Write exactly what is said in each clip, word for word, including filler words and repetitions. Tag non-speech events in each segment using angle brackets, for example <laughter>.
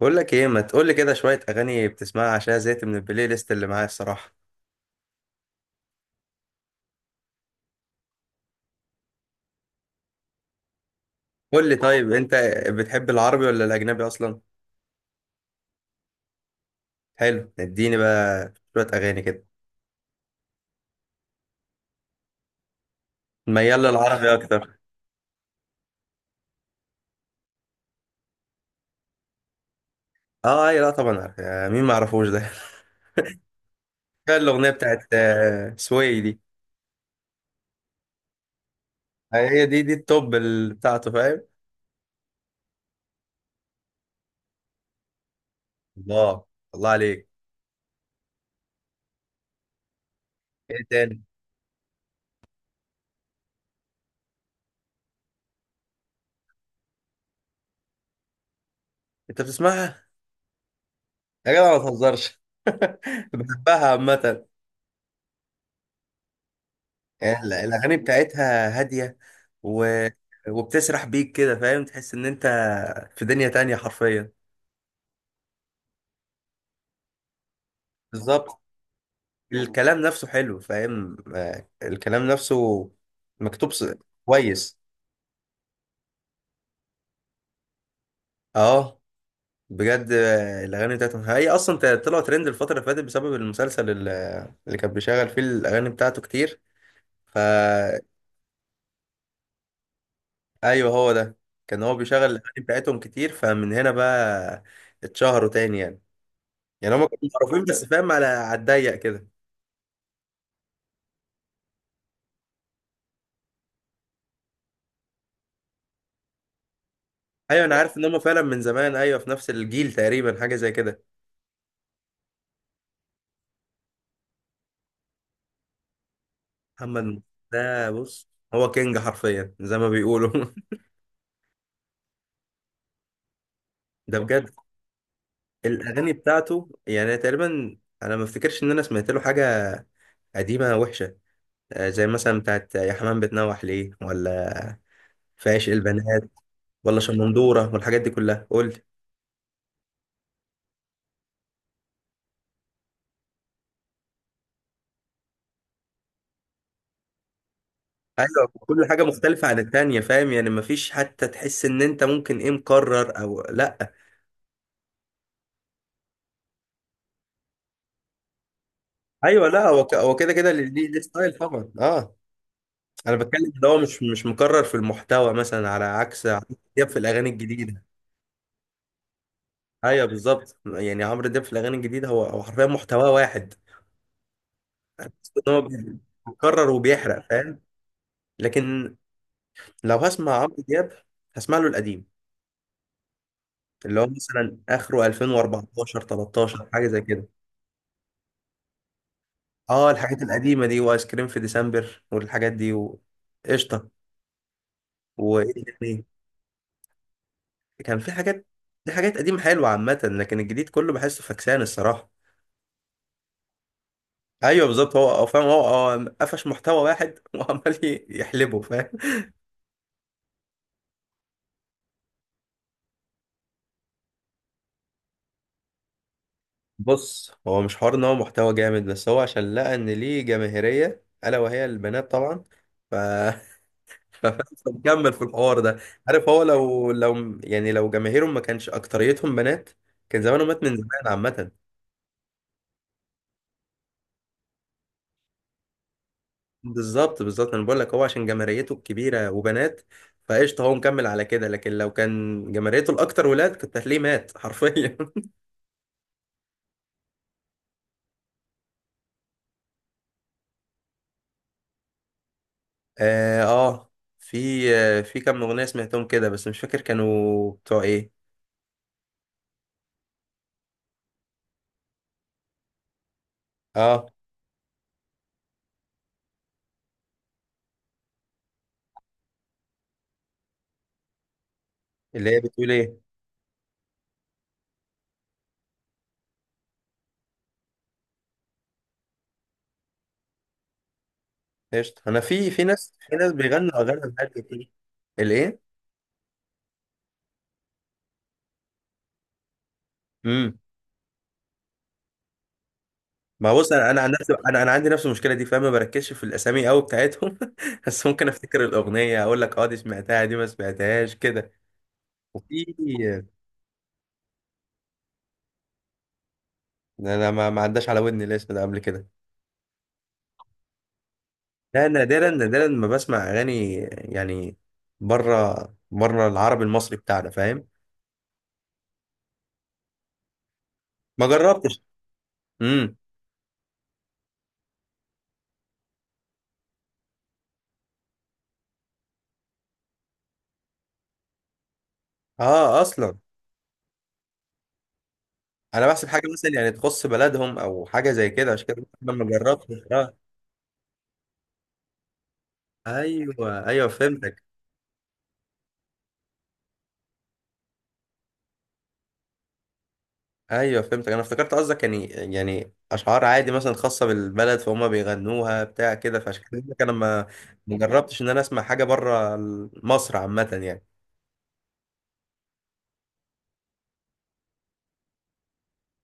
بقول لك ايه، ما تقول لي كده شويه اغاني بتسمعها عشان زهقت من البلاي ليست اللي معايا الصراحه. قول لي طيب، انت بتحب العربي ولا الاجنبي اصلا؟ حلو، اديني بقى شويه اغاني كده. ميال للعربي اكتر. اه، اي، لا طبعا عارف، آه، مين ما يعرفوش ده. <laughs> كان الاغنيه بتاعت آه، سوي دي. آه، هي دي دي التوب ال- بتاعته، فاهم. الله، الله عليك. ايه تاني؟ انت بتسمعها؟ يا جدع ما تهزرش. <laughs> بحبها عامه. ال- الأغاني بتاعتها هادية و... وبتسرح بيك كده، فاهم، تحس إن أنت في دنيا تانية حرفيا. بالظبط. الكلام نفسه حلو، فاهم، آه، الكلام نفسه مكتوب ص- كويس. اه، بجد، آه، الأغاني بتاعتهم هي أصلا ت- طلعوا ترند الفترة اللي فاتت بسبب المسلسل ال- اللي كان بيشغل فيه الأغاني بتاعته كتير فا أيوه، هو ده. كان هو بيشغل الأغاني بتاعتهم كتير، فمن هنا بقى اتشهروا تاني يعني. يعني هم كانوا معروفين، بس فاهم، على على الضيق كده. ايوه، انا عارف ان هم فعلا من زمان، ايوه، في نفس الجيل تقريبا، حاجه زي كده. محمد م- ده بص، هو كينج حرفيا زي ما بيقولوا. <laughs> ده بجد. الاغاني بتاعته يعني تقريبا، انا ما افتكرش ان انا سمعت له حاجه قديمه وحشه. آه، زي مثلا بتاعت يا حمام بتنوح ليه، ولا في عشق البنات، ولا شمندوره، والحاجات دي كلها، قول لي. ايوه، كل حاجه مختلفه عن التانية، فاهم يعني، مفيش حتى تحس ان انت ممكن ايه مكرر او لا. ايوه، لا هو ك- هو كده كده، ليه ليه ستايل طبعا، اه. انا بتكلم ان هو مش مش مكرر في المحتوى مثلا، على عكس عمرو دياب في الاغاني الجديده. ايوه بالظبط، يعني عمرو دياب في الاغاني الجديده هو هو حرفيا محتواه واحد. بس ان هو بي- مكرر وبيحرق، فاهم. لكن لو هسمع عمرو دياب هسمع له القديم، اللي هو مثلا اخره ألفين واربعتاشر ثلاثة عشر حاجه زي كده. اه، الحاجات القديمه دي وايس كريم في ديسمبر والحاجات دي، وقشطه. وايه تاني؟ كان في حاجات. دي حاجات قديمة حلوة عامة، لكن الجديد كله بحسه فكسان الصراحة. ايوه بالظبط، هو هو فاهم، هو هو قفش محتوى واحد <laughs> وعمال ي- يحلبه، فاهم. بص، هو مش حوار ان هو محتوى جامد، بس هو عشان لقى ان ليه جماهيرية الا وهي البنات طبعا، ف <laughs> ف- فمكمل في الحوار ده. عارف، هو لو لو يعني لو جماهيرهم ما كانش اكتريتهم بنات، كان زمانه مات من زمان عامة. بالظبط، بالظبط، انا بقول لك، هو عشان جماهيريته الكبيره وبنات فقشطه هو مكمل على كده، لكن لو كان جماهيريته الاكتر ولاد كنت هتلاقيه مات حرفيا. <laughs> اه، آه، في آه، في كام اغنيه سمعتهم كده، بس مش فاكر كانوا بتوع ايه. اه، اللي هي بتقول ايه؟ قشطه، انا في في ناس، في ناس بيغنوا اغاني بجد كتير. الايه؟ امم ما بص، انا انا عن نفسي انا انا عندي نفس المشكله دي، فاهم، ما بركزش في الاسامي قوي بتاعتهم. <laughs> بس ممكن افتكر الاغنيه اقول لك، اه دي سمعتها، دي ما سمعتهاش كده. وفي ده انا ما ما عداش على ودني الاسم ده قبل كده. لا، نادرا نادرا ما بسمع اغاني يعني، بره بره العربي المصري بتاعنا فاهم، ما جربتش. امم، اه اصلا، انا بحسب حاجه مثلا يعني تخص بلدهم او حاجه زي كده، عشان كده أنا ما جربتش، اه. ايوه، ايوه، فهمتك. ايوه فهمتك، انا افتكرت قصدك، يعني يعني اشعار عادي مثلا خاصه بالبلد فهم بيغنوها بتاع كده، فعشان كده بقولك انا ما ما جربتش ان انا اسمع حاجه بره مصر عامه يعني.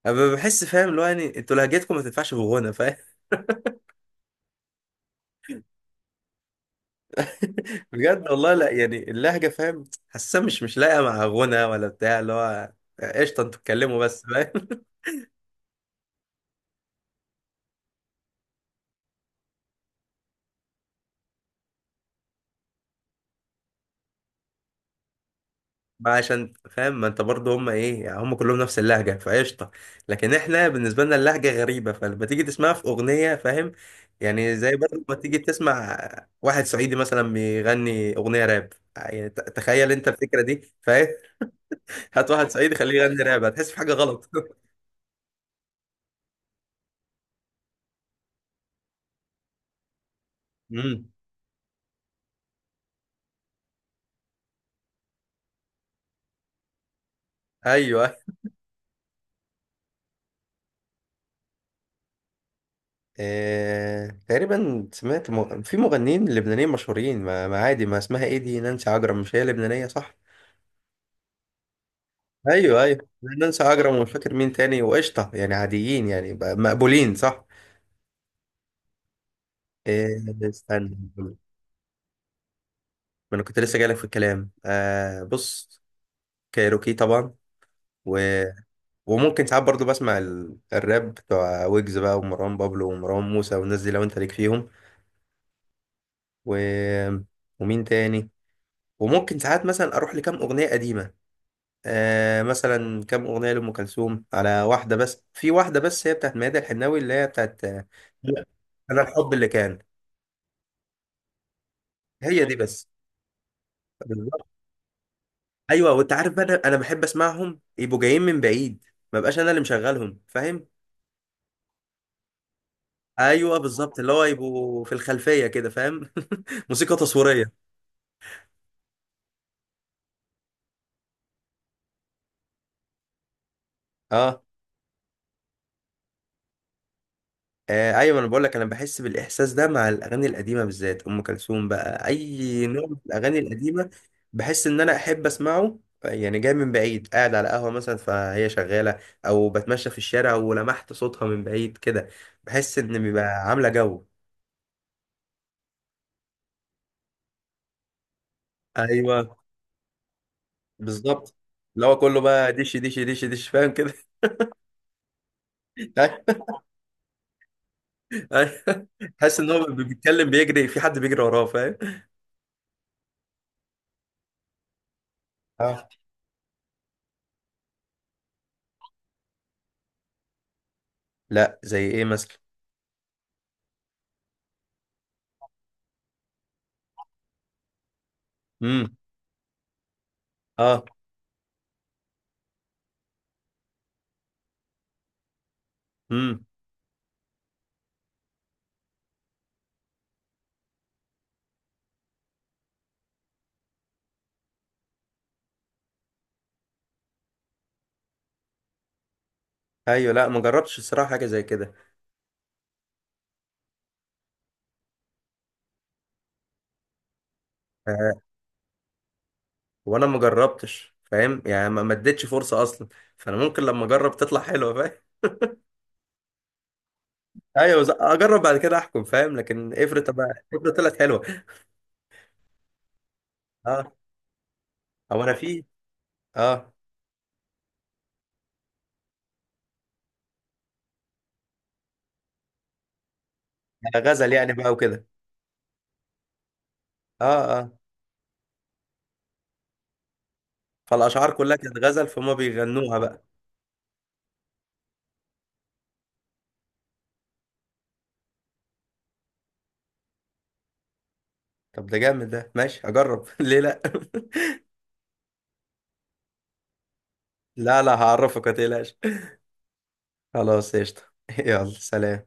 انا بحس، فاهم، اللي هو يعني انتوا لهجتكم ما تنفعش في غنى، فاهم. <laughs> بجد والله، لا يعني اللهجه فاهم، حاسه مش مش لاققه مع غنى ولا بتاع اللي هو. قشطه، انتوا اتكلموا بس، فاهم. <laughs> ما عشان فاهم ما انت برضه، هم ايه يعني، هم كلهم نفس اللهجه فقشطه. لكن احنا بالنسبه لنا اللهجه غريبه، فلما تيجي تسمعها في اغنيه فاهم، يعني زي برضه ما تيجي تسمع واحد صعيدي مثلا بيغني اغنيه راب يعني، ت- تخيل انت الفكره دي، فاهم. <laughs> هات واحد صعيدي خليه يغني راب، هتحس في حاجه غلط. <laughs> امم، ايوه. آه، تقريبا سمعت م... في مغنيين لبنانيين مشهورين ما... ما عادي، ما اسمها ايه دي، نانسي عجرم، مش هي لبنانية صح؟ ايوه، ايوه، نانسي عجرم ومش فاكر مين تاني وقشطة، يعني عاديين يعني ب- مقبولين صح. آه، استنى ما انا كنت لسه جايلك في الكلام، آه بص. كايروكي طبعا، و... وممكن ساعات برضو بسمع ال... الراب بتوع ويجز بقى ومروان بابلو ومروان موسى والناس دي لو انت ليك فيهم، و... ومين تاني؟ وممكن ساعات مثلا اروح لكام اغنية قديمة، آه مثلا كام اغنيه لام كلثوم، على واحده بس، في واحده بس هي بتاعت ميادة الحناوي، اللي هي بتاعت آه، انا الحب اللي كان. هي دي بس. بالظبط. ايوه، وانت عارف بقى، انا انا بحب اسمعهم يبقوا جايين من بعيد، ما بقاش انا اللي مشغلهم، فاهم. ايوه بالظبط، اللي هو يبقوا في الخلفيه كده، فاهم. <laughs> موسيقى تصويريه. اه، آه، ايوه، انا بقول لك انا بحس بالاحساس ده مع الاغاني القديمه بالذات ام كلثوم بقى، اي نوع من الاغاني القديمه بحس ان انا احب اسمعه، يعني جاي من بعيد قاعد على قهوه مثلا فهي شغاله، او بتمشى في الشارع ولمحت صوتها من بعيد كده، بحس ان بيبقى عامله جو. ايوه بالظبط، اللي هو كله بقى دش دش دش دش، فاهم كده. <laughs> أيوة. حاسس ان هو بيتكلم بيجري، في حد بيجري وراه، فاهم. اه، لا زي ايه مثلا؟ امم، اه، امم، ايوه، لا ما جربتش الصراحه حاجه زي كده. آه، وانا ما جربتش فاهم يعني ما ما اديتش فرصه اصلا، فانا ممكن لما اجرب تطلع حلوه، فاهم. ايوه، ز- اجرب بعد كده احكم، فاهم، لكن افرض بقى افرض طلعت حلوه. اه، هو انا في، اه، غزل يعني بقى وكده. اه، اه، فالاشعار كلها كانت غزل فهم بيغنوها بقى. طب ده جامد، ده ماشي، اجرب. <laughs> ليه لا؟ <laughs> لا، لا، هعرفك ما تقلقش. خلاص قشطه. <laughs> يلا سلام.